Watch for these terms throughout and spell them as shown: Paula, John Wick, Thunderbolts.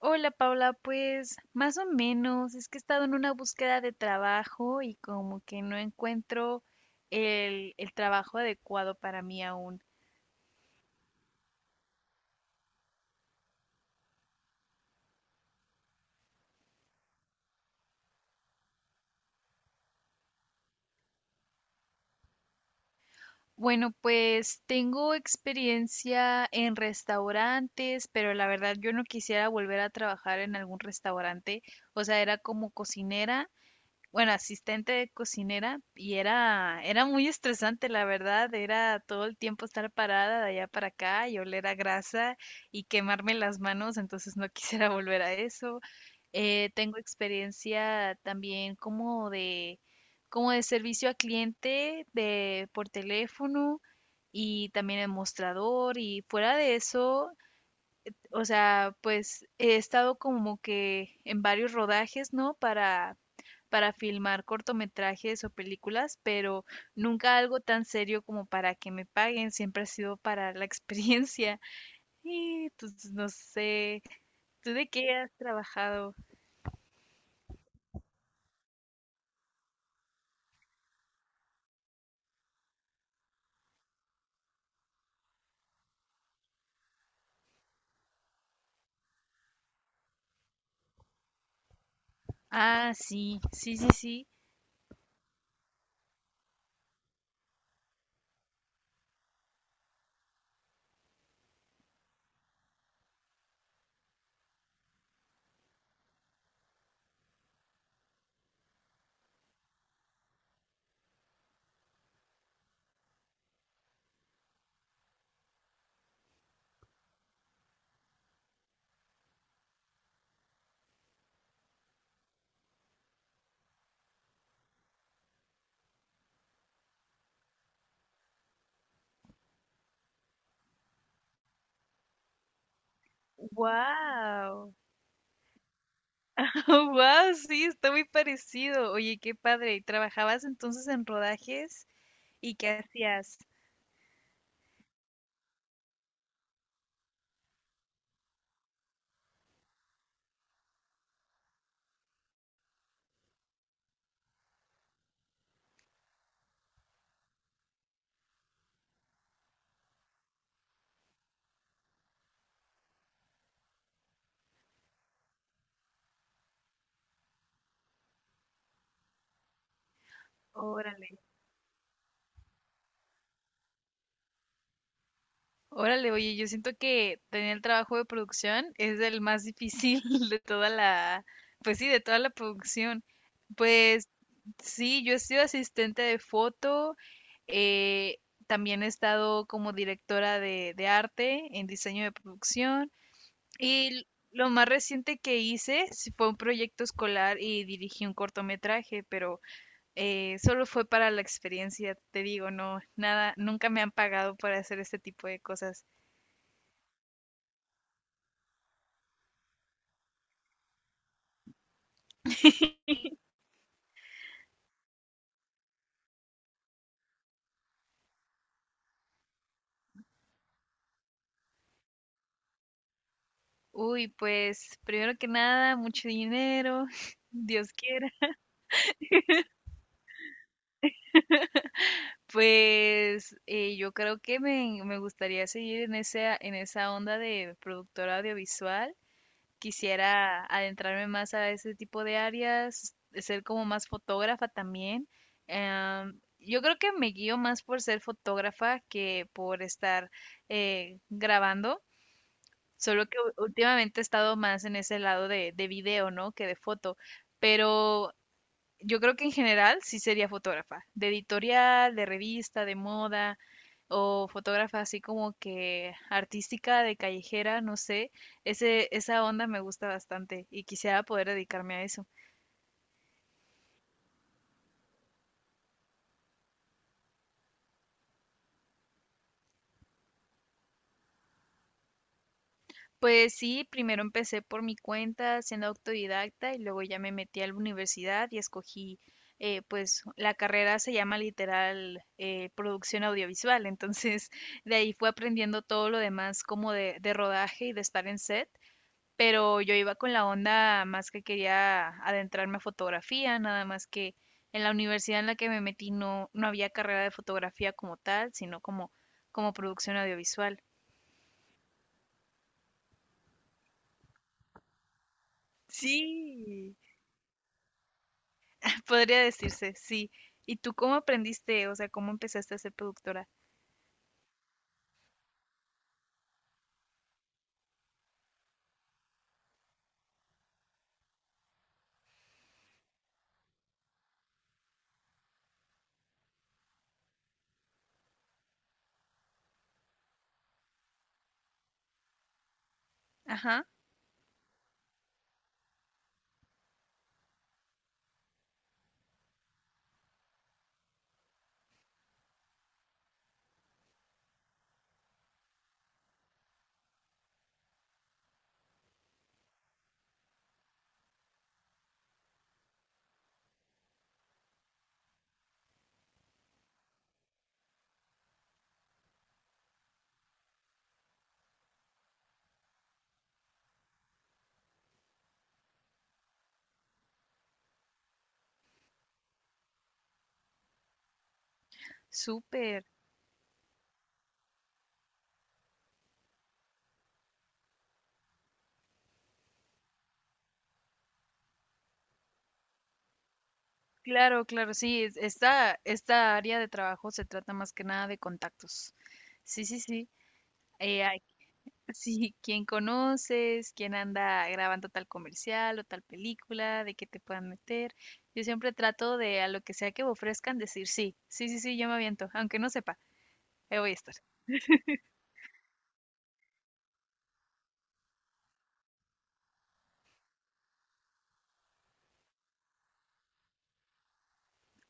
Hola Paula, pues más o menos, es que he estado en una búsqueda de trabajo y como que no encuentro el trabajo adecuado para mí aún. Bueno, pues tengo experiencia en restaurantes, pero la verdad yo no quisiera volver a trabajar en algún restaurante, o sea, era como cocinera, bueno, asistente de cocinera y era muy estresante, la verdad, era todo el tiempo estar parada de allá para acá y oler a grasa y quemarme las manos, entonces no quisiera volver a eso. Tengo experiencia también como de servicio a cliente, de por teléfono y también en mostrador, y fuera de eso, o sea, pues he estado como que en varios rodajes, ¿no? Para filmar cortometrajes o películas, pero nunca algo tan serio como para que me paguen, siempre ha sido para la experiencia. Y pues no sé, ¿tú de qué has trabajado? Ah, sí, sí, sí, sí. Wow, wow, sí, está muy parecido. Oye, qué padre. ¿Y ¿Trabajabas entonces en rodajes y qué hacías? Órale. Órale, oye, yo siento que tener el trabajo de producción es el más difícil de toda la, pues sí, de toda la producción. Pues sí, yo he sido asistente de foto, eh, también he estado como directora de arte en diseño de producción y lo más reciente que hice sí fue un proyecto escolar y dirigí un cortometraje, pero solo fue para la experiencia, te digo, no, nada, nunca me han pagado para hacer este tipo de cosas. Uy, pues primero que nada, mucho dinero, Dios quiera. Pues yo creo que me gustaría seguir en esa onda de productora audiovisual. Quisiera adentrarme más a ese tipo de áreas, ser como más fotógrafa también. Yo creo que me guío más por ser fotógrafa que por estar grabando, solo que últimamente he estado más en ese lado de video, ¿no?, que de foto. Pero yo creo que en general sí sería fotógrafa, de editorial, de revista, de moda, o fotógrafa así como que artística, de callejera, no sé. Esa onda me gusta bastante y quisiera poder dedicarme a eso. Pues sí, primero empecé por mi cuenta siendo autodidacta y luego ya me metí a la universidad y escogí, pues la carrera se llama literal, producción audiovisual, entonces de ahí fue aprendiendo todo lo demás como de rodaje y de estar en set, pero yo iba con la onda más que quería adentrarme a fotografía, nada más que en la universidad en la que me metí no había carrera de fotografía como tal, sino como, como producción audiovisual. Sí. Podría decirse, sí. ¿Y tú cómo aprendiste? O sea, ¿cómo empezaste a ser productora? Ajá. Súper. Claro, claro, sí. Esta área de trabajo se trata más que nada de contactos. Sí, sí, sí. Eh, Sí, quién conoces, quién anda grabando tal comercial o tal película, de qué te puedan meter. Yo siempre trato de, a lo que sea que me ofrezcan, decir sí, sí, sí, sí, yo me aviento, aunque no sepa, ahí voy a estar.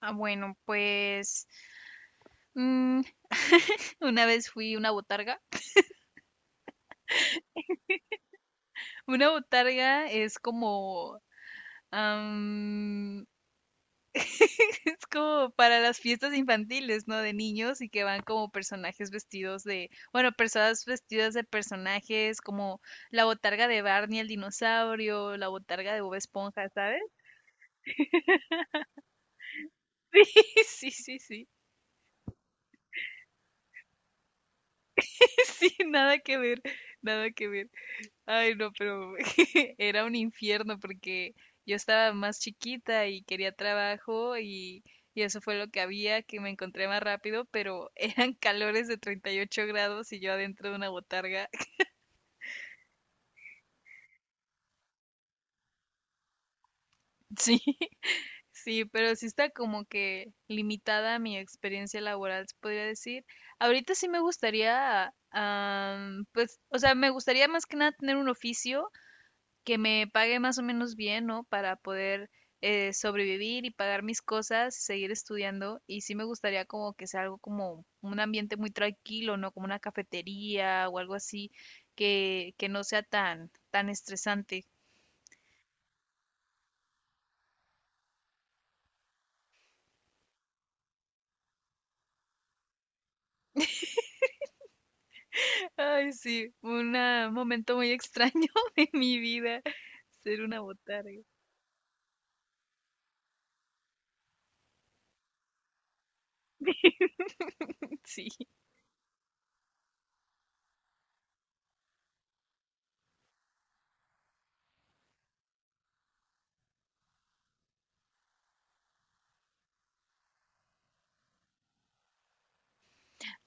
Ah, bueno, pues mm, una vez fui una botarga. Una botarga es como, am, es como para las fiestas infantiles, ¿no? De niños, y que van como personajes vestidos de, bueno, personas vestidas de personajes como la botarga de Barney el dinosaurio, la botarga de Bob Esponja, ¿sabes? Sí, sí, sí, sí. Sí, nada que ver, nada que ver. Ay, no, pero era un infierno porque yo estaba más chiquita y quería trabajo, y eso fue lo que había, que me encontré más rápido, pero eran calores de 38 grados y yo adentro de una botarga. Sí, sí, pero sí está como que limitada mi experiencia laboral, se podría decir. Ahorita sí me gustaría, pues, o sea, me gustaría más que nada tener un oficio que me pague más o menos bien, ¿no?, para poder sobrevivir y pagar mis cosas, seguir estudiando. Y sí me gustaría como que sea algo como un ambiente muy tranquilo, ¿no? Como una cafetería o algo así, que no sea tan estresante. Ay, sí, un momento muy extraño de mi vida, ser una botarga. Sí.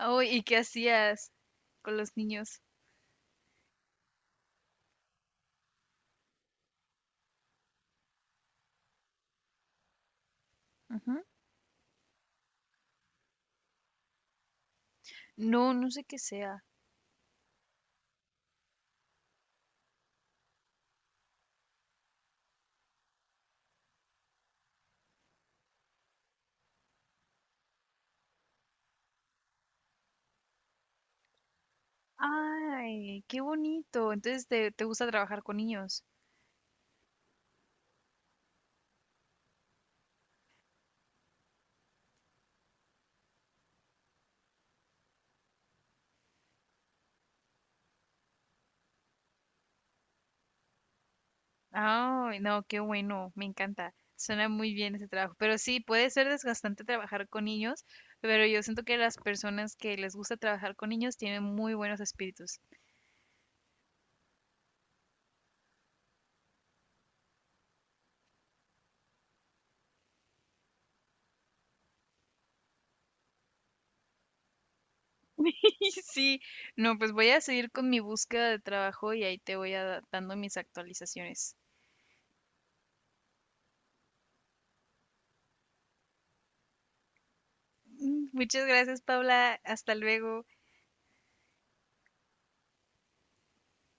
Oh, ¿y qué hacías con los niños? Ujú. No, no sé qué sea. Ay, qué bonito. Entonces, ¿te, te gusta trabajar con niños? Ay, no, qué bueno, me encanta. Suena muy bien ese trabajo. Pero sí, puede ser desgastante trabajar con niños, pero yo siento que las personas que les gusta trabajar con niños tienen muy buenos espíritus. y sí, no, pues voy a seguir con mi búsqueda de trabajo y ahí te voy a, dando mis actualizaciones. Mm, muchas gracias, Paula. Hasta luego.